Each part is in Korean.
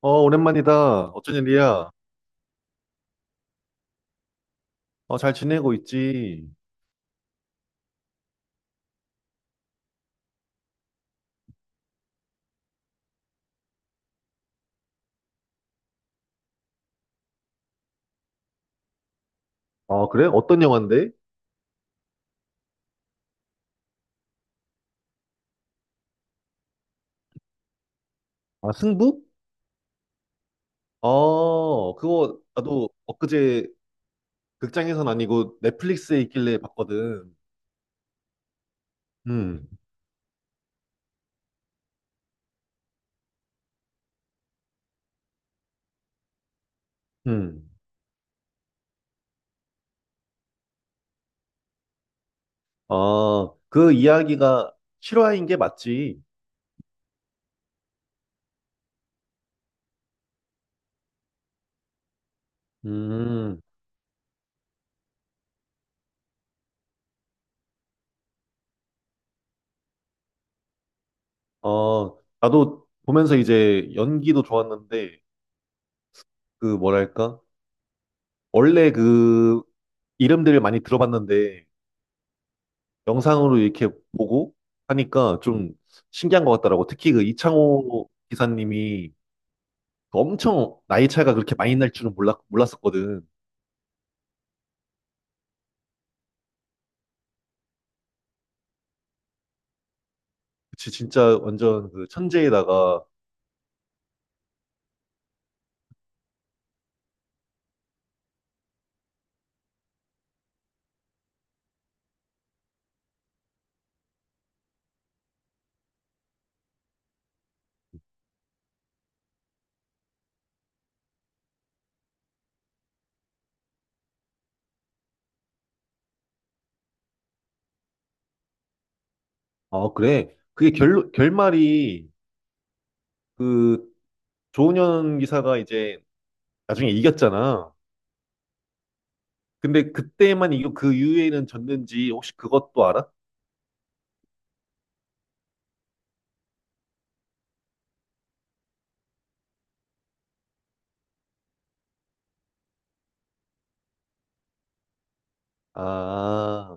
어, 오랜만이다. 어쩐 일이야? 어, 잘 지내고 있지. 아, 그래? 어떤 영화인데? 아, 승부? 어, 그거 나도 엊그제 극장에선 아니고 넷플릭스에 있길래 봤거든. 음, 음. 아, 그 이야기가 실화인 게 맞지? 음, 나도 보면서 이제 연기도 좋았는데, 그 뭐랄까? 원래 그 이름들을 많이 들어봤는데, 영상으로 이렇게 보고 하니까 좀 신기한 것 같더라고. 특히 그 이창호 기사님이 그 엄청 나이 차이가 그렇게 많이 날 줄은 몰랐었거든. 그치, 진짜 완전 그 천재에다가, 아, 그래. 그게 결말이 그 조은현 기사가 이제 나중에 이겼잖아. 근데 그때만 이거 그 이후에는 졌는지 혹시 그것도 알아? 아,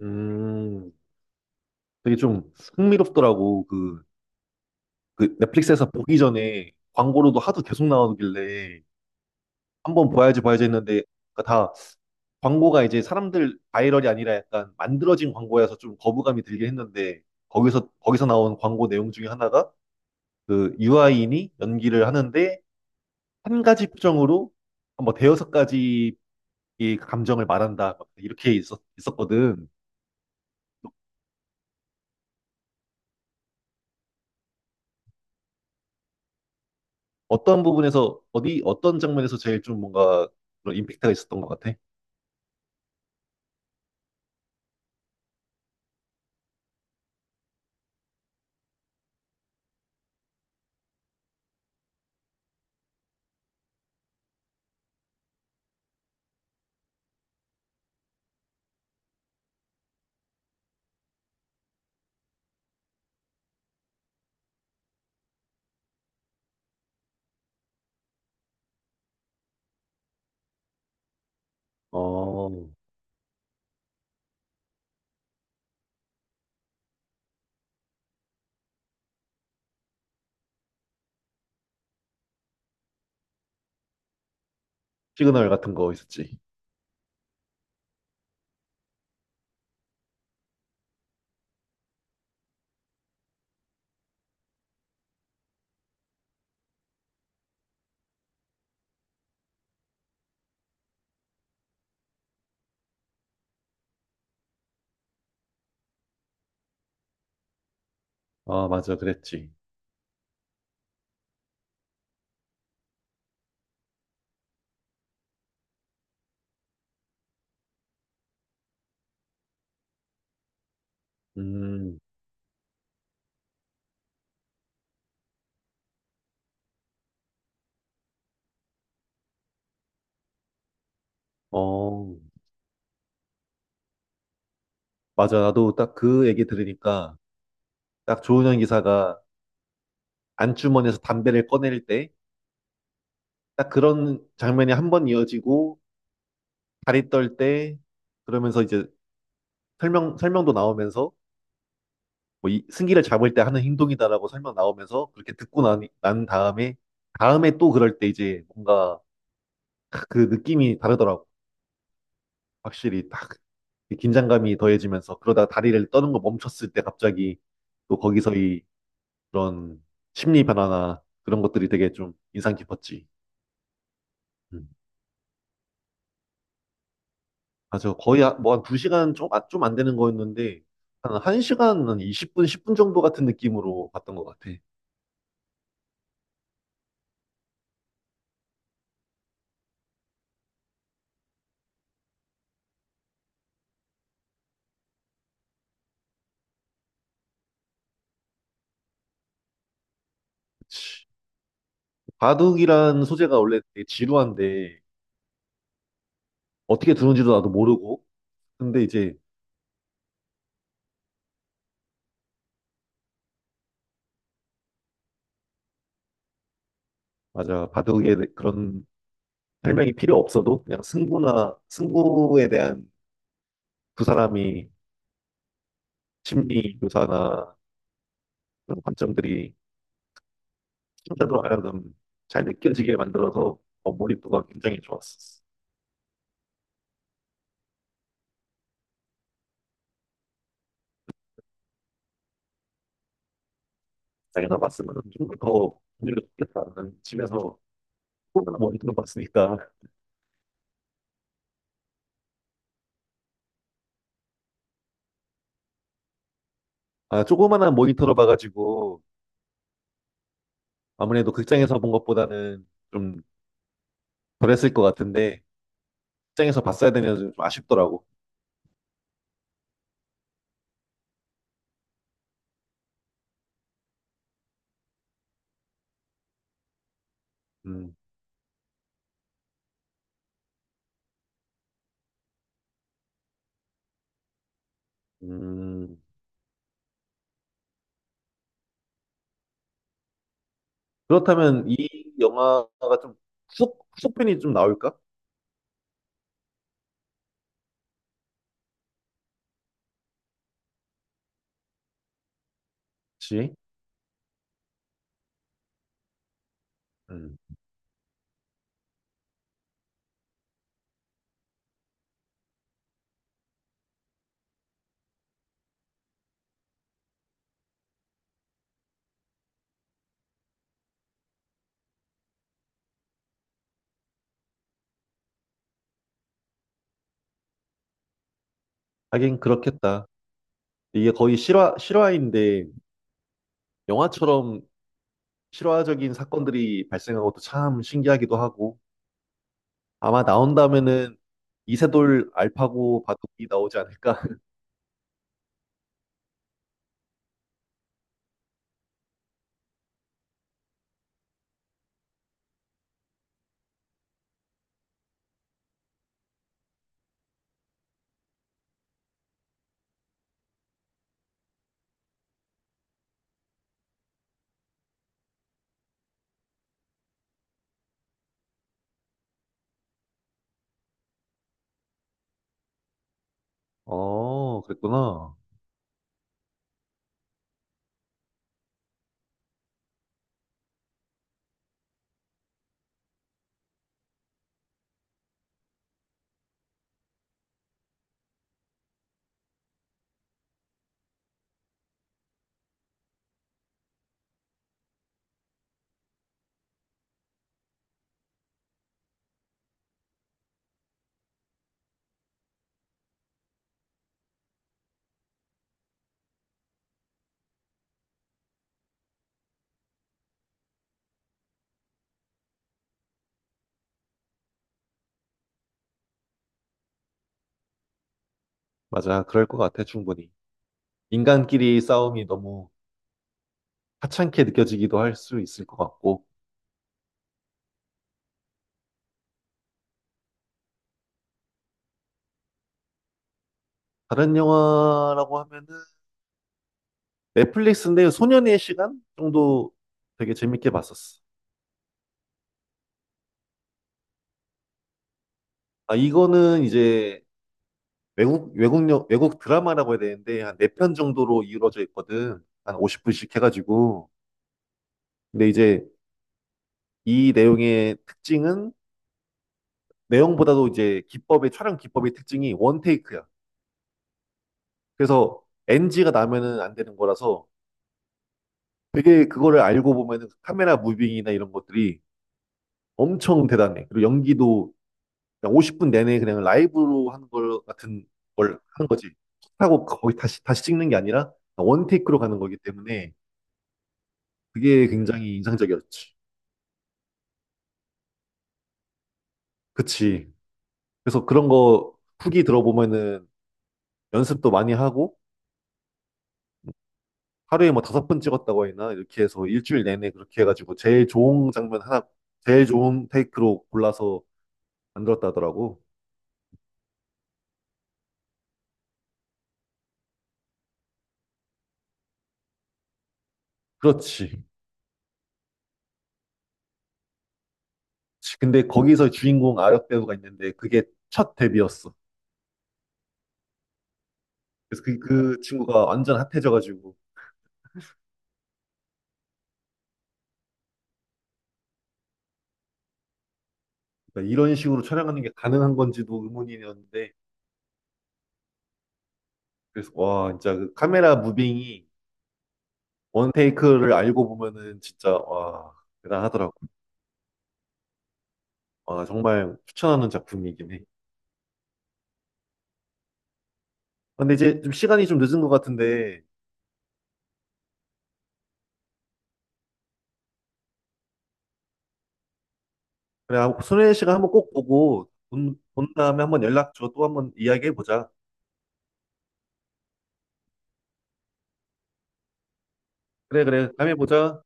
음, 되게 좀 흥미롭더라고. 그 넷플릭스에서 보기 전에 광고로도 하도 계속 나오길래 한번 봐야지 봐야지 했는데 그다 광고가 이제 사람들 바이럴이 아니라 약간 만들어진 광고여서 좀 거부감이 들긴 했는데 거기서 나온 광고 내용 중에 하나가 그 유아인이 연기를 하는데 한 가지 표정으로 한뭐 대여섯 가지 이 감정을 말한다 막 이렇게 있었거든. 어떤 부분에서 어디 어떤 장면에서 제일 좀 뭔가 그런 임팩트가 있었던 것 같아? 어 시그널 같은 거 있었지. 아, 맞아, 그랬지. 음, 어, 맞아. 나도 딱 그 얘기 들으니까 딱 조은현 기사가 안주머니에서 담배를 꺼낼 때 딱 그런 장면이 한 번 이어지고 다리 떨 때 그러면서 이제 설명도 나오면서 뭐 승기를 잡을 때 하는 행동이다라고 설명 나오면서 그렇게 듣고 나니, 난 다음에 또 그럴 때 이제 뭔가 그 느낌이 다르더라고. 확실히 딱 긴장감이 더해지면서 그러다 다리를 떠는 거 멈췄을 때 갑자기 또 거기서 이 그런 심리 변화나 그런 것들이 되게 좀 인상 깊었지. 음. 맞아. 거의 뭐 한 두시간 좀, 좀안 되는 거였는데, 한 1시간, 한 20분, 10분 정도 같은 느낌으로 봤던 것 같아. 그치. 바둑이란 소재가 원래 되게 지루한데, 어떻게 두는지도 나도 모르고, 근데 이제, 맞아. 바둑에 그런 설명이 필요 없어도, 그냥 승부나, 승부에 대한 두 사람이 심리 묘사나 그런 관점들이 춤자로 하여금 잘 느껴지게 만들어서 몰입도가 굉장히 좋았었어. 자기가 봤으면 좀더 분위기가 좋겠다는 집에서 조그만 모니터로 봤으니까 아 조그만한 모니터로 봐가지고 아무래도 극장에서 본 것보다는 좀 덜했을 것 같은데 극장에서 봤어야 되면 좀 아쉽더라고. 음, 음. 그렇다면 이 영화가 좀 후속편이 좀 나올까? 그치? 음. 하긴 그렇겠다. 이게 거의 실화인데 영화처럼 실화적인 사건들이 발생한 것도 참 신기하기도 하고 아마 나온다면은 이세돌 알파고 바둑이 나오지 않을까? 어, 그랬구나. 맞아, 그럴 것 같아, 충분히. 인간끼리 싸움이 너무 하찮게 느껴지기도 할 수 있을 것 같고 다른 영화라고 하면은 넷플릭스인데 소년의 시간 정도 되게 재밌게 봤었어. 아, 이거는 이제 외국 드라마라고 해야 되는데, 한 네 편 정도로 이루어져 있거든. 한 50분씩 해가지고. 근데 이제 이 내용의 특징은 내용보다도 이제 기법의 촬영 기법의 특징이 원테이크야. 그래서 NG가 나면은 안 되는 거라서 되게 그거를 알고 보면은 카메라 무빙이나 이런 것들이 엄청 대단해. 그리고 연기도 그냥 50분 내내 그냥 라이브로 하는 걸 같은 걸 하는 거지. 하고 거의 다시 찍는 게 아니라 원테이크로 가는 거기 때문에 그게 굉장히 인상적이었지. 그치. 그래서 그런 거 후기 들어보면은 연습도 많이 하고 하루에 뭐 다섯 번 찍었다고 했나? 이렇게 해서 일주일 내내 그렇게 해가지고 제일 좋은 장면 하나, 제일 좋은 테이크로 골라서 만들었다더라고. 그렇지. 그렇지. 근데 거기서 주인공 아역 배우가 있는데 그게 첫 데뷔였어. 그래서 그 친구가 완전 핫해져가지고 그러니까 이런 식으로 촬영하는 게 가능한 건지도 의문이었는데 그래서 와 진짜 그 카메라 무빙이 원 테이크를 알고 보면은 진짜 와 대단하더라고. 와 정말 추천하는 작품이긴 해. 근데 이제 좀 시간이 좀 늦은 것 같은데 그래, 아, 손혜 씨가 한번 꼭 보고 본 다음에 한번 연락 줘. 또 한번 이야기해 보자. 그래, 그래. 다음에 보자.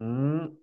음.